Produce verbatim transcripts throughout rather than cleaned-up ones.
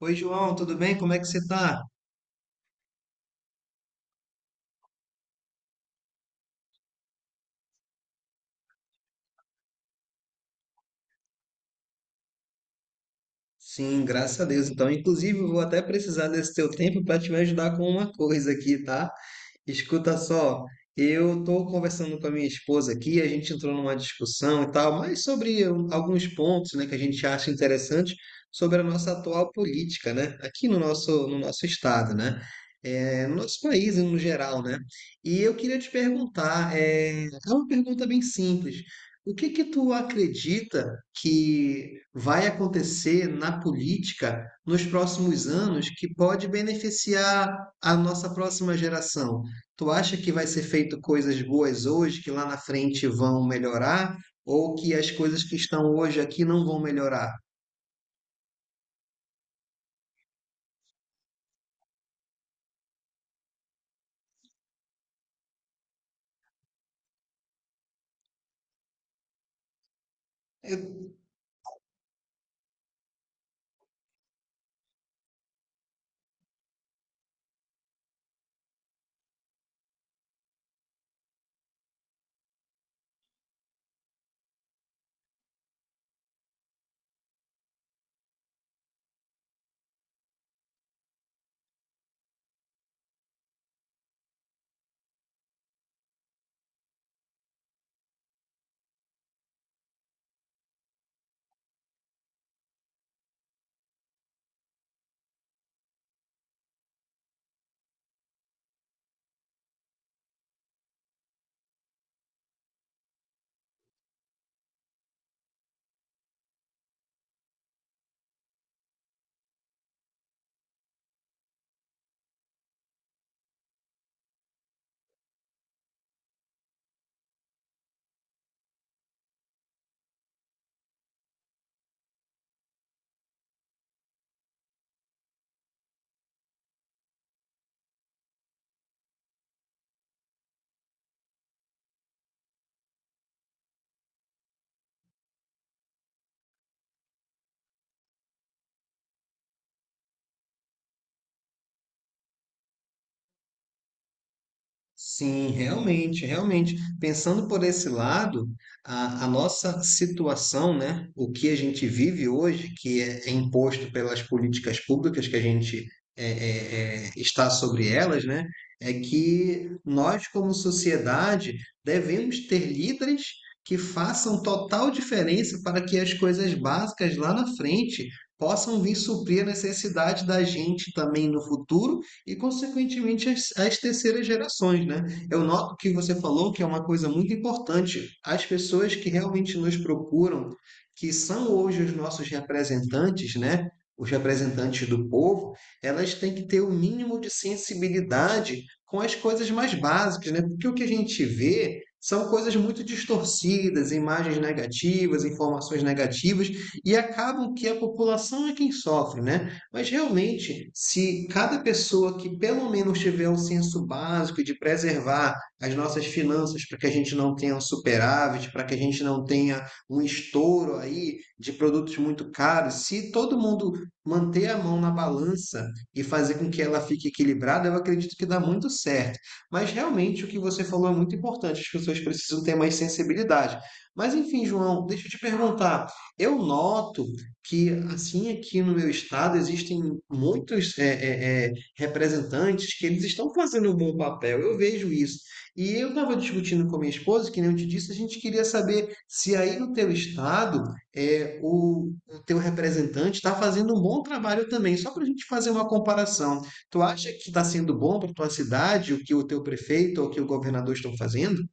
Oi, João, tudo bem? Como é que você tá? Sim, graças a Deus. Então, inclusive, eu vou até precisar desse teu tempo para te ajudar com uma coisa aqui, tá? Escuta só, eu estou conversando com a minha esposa aqui, a gente entrou numa discussão e tal, mas sobre um, alguns pontos, né, que a gente acha interessante sobre a nossa atual política, né, aqui no nosso, no nosso estado, né, é, no nosso país no geral, né. E eu queria te perguntar, é, é uma pergunta bem simples. O que que tu acredita que vai acontecer na política nos próximos anos que pode beneficiar a nossa próxima geração? Tu acha que vai ser feito coisas boas hoje que lá na frente vão melhorar ou que as coisas que estão hoje aqui não vão melhorar? Sim, realmente, realmente. Pensando por esse lado, a, a nossa situação, né, o que a gente vive hoje, que é, é imposto pelas políticas públicas que a gente é, é, é, está sobre elas, né, é que nós, como sociedade, devemos ter líderes que façam total diferença para que as coisas básicas lá na frente possam vir suprir a necessidade da gente também no futuro e, consequentemente, as, as terceiras gerações, né? Eu noto que você falou que é uma coisa muito importante. As pessoas que realmente nos procuram, que são hoje os nossos representantes, né? Os representantes do povo, elas têm que ter o mínimo de sensibilidade com as coisas mais básicas, né? Porque o que a gente vê são coisas muito distorcidas, imagens negativas, informações negativas, e acabam que a população é quem sofre, né? Mas realmente, se cada pessoa que pelo menos tiver um senso básico de preservar as nossas finanças para que a gente não tenha um superávit, para que a gente não tenha um estouro aí de produtos muito caros, se todo mundo manter a mão na balança e fazer com que ela fique equilibrada, eu acredito que dá muito certo. Mas realmente o que você falou é muito importante, as pessoas precisam ter mais sensibilidade. Mas enfim, João, deixa eu te perguntar. Eu noto que assim aqui no meu estado existem muitos é, é, é, representantes que eles estão fazendo um bom papel. Eu vejo isso. E eu estava discutindo com a minha esposa, que nem eu te disse, a gente queria saber se aí no teu estado é, o, o teu representante está fazendo um bom trabalho também, só para a gente fazer uma comparação. Tu acha que está sendo bom para tua cidade o que o teu prefeito ou o que o governador estão fazendo?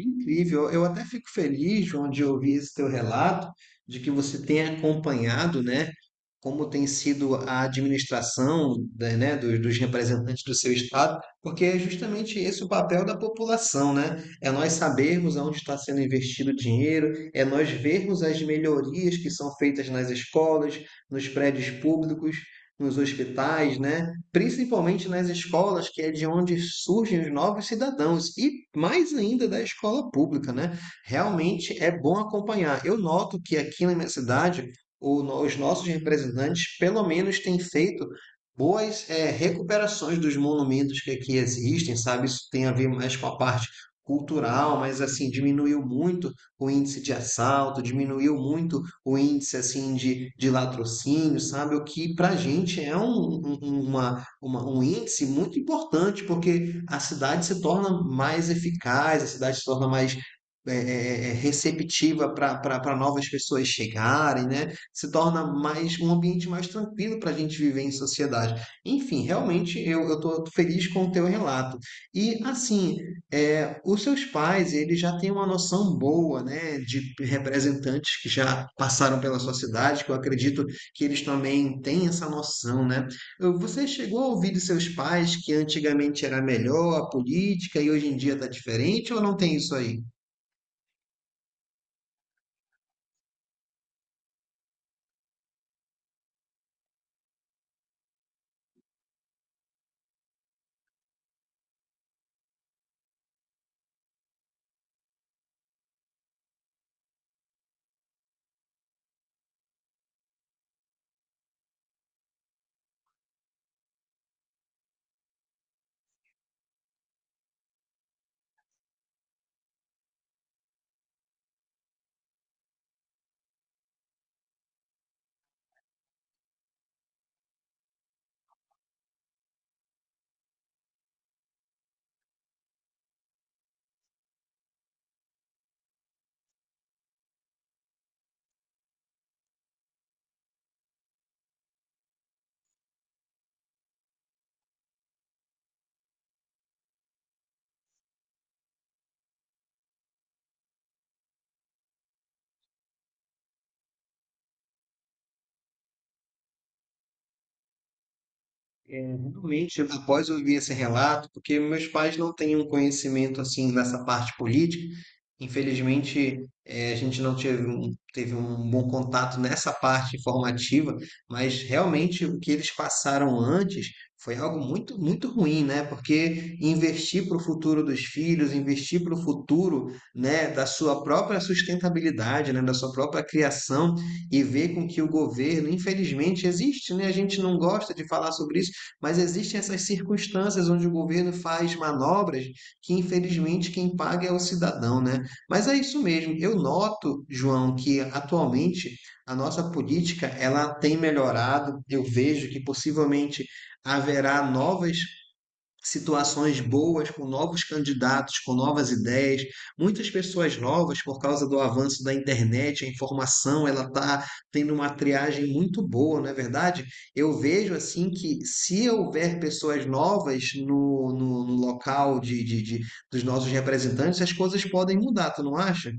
Incrível. Eu até fico feliz, João, de ouvir esse teu relato, de que você tem acompanhado, né, como tem sido a administração, da- né, dos, dos representantes do seu estado, porque é justamente esse o papel da população, né? É nós sabermos aonde está sendo investido o dinheiro, é nós vermos as melhorias que são feitas nas escolas, nos prédios públicos, nos hospitais, né? Principalmente nas escolas, que é de onde surgem os novos cidadãos, e mais ainda da escola pública, né? Realmente é bom acompanhar. Eu noto que aqui na minha cidade, o os nossos representantes, pelo menos, têm feito boas eh, recuperações dos monumentos que aqui existem, sabe? Isso tem a ver mais com a parte cultural, mas assim diminuiu muito o índice de assalto, diminuiu muito o índice assim de, de latrocínio, sabe? O que para a gente é um- um- uma, uma- um índice muito importante, porque a cidade se torna mais eficaz, a cidade se torna mais é, é, é, receptiva para novas pessoas chegarem, né? Se torna mais um ambiente mais tranquilo para a gente viver em sociedade. Enfim, realmente eu estou feliz com o teu relato. E assim, é, os seus pais, eles já têm uma noção boa, né, de representantes que já passaram pela sua cidade, que eu acredito que eles também têm essa noção, né? "Ah, você chegou a ouvir dos seus pais que antigamente era melhor a política e hoje em dia está diferente ou não tem isso aí? É, realmente, após eu ouvir esse relato, porque meus pais não têm um conhecimento assim nessa parte política, infelizmente eh, a gente não teve um, teve um bom contato nessa parte informativa, mas realmente o que eles passaram antes foi algo muito, muito ruim, né? Porque investir para o futuro dos filhos, investir para o futuro, né, da sua própria sustentabilidade, né, da sua própria criação, e ver com que o governo, infelizmente, existe, né? A gente não gosta de falar sobre isso, mas existem essas circunstâncias onde o governo faz manobras que, infelizmente, quem paga é o cidadão, né? Mas é isso mesmo. Eu noto, João, que atualmente a nossa política ela tem melhorado. Eu vejo que possivelmente haverá novas situações boas com novos candidatos, com novas ideias, muitas pessoas novas por causa do avanço da internet, a informação, ela está tendo uma triagem muito boa, não é verdade? Eu vejo assim que se houver pessoas novas no, no, no local de, de, de- dos nossos representantes, as coisas podem mudar, tu não acha?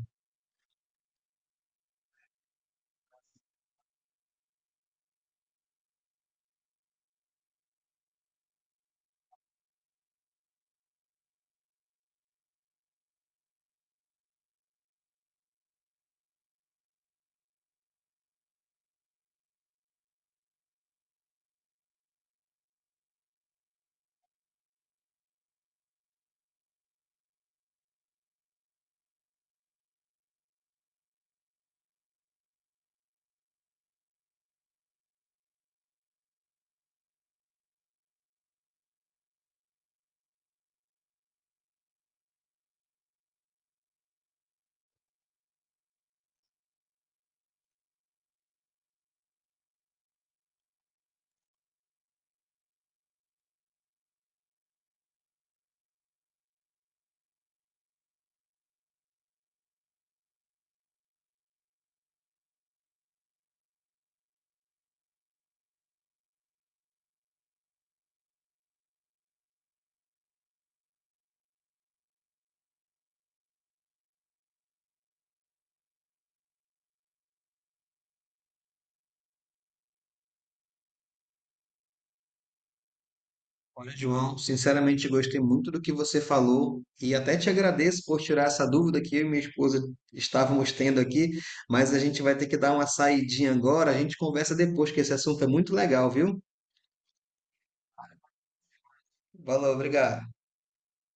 Olha, João, sinceramente gostei muito do que você falou e até te agradeço por tirar essa dúvida que eu e minha esposa estávamos tendo aqui, mas a gente vai ter que dar uma saidinha agora, a gente conversa depois, que esse assunto é muito legal, viu? Valeu, obrigado.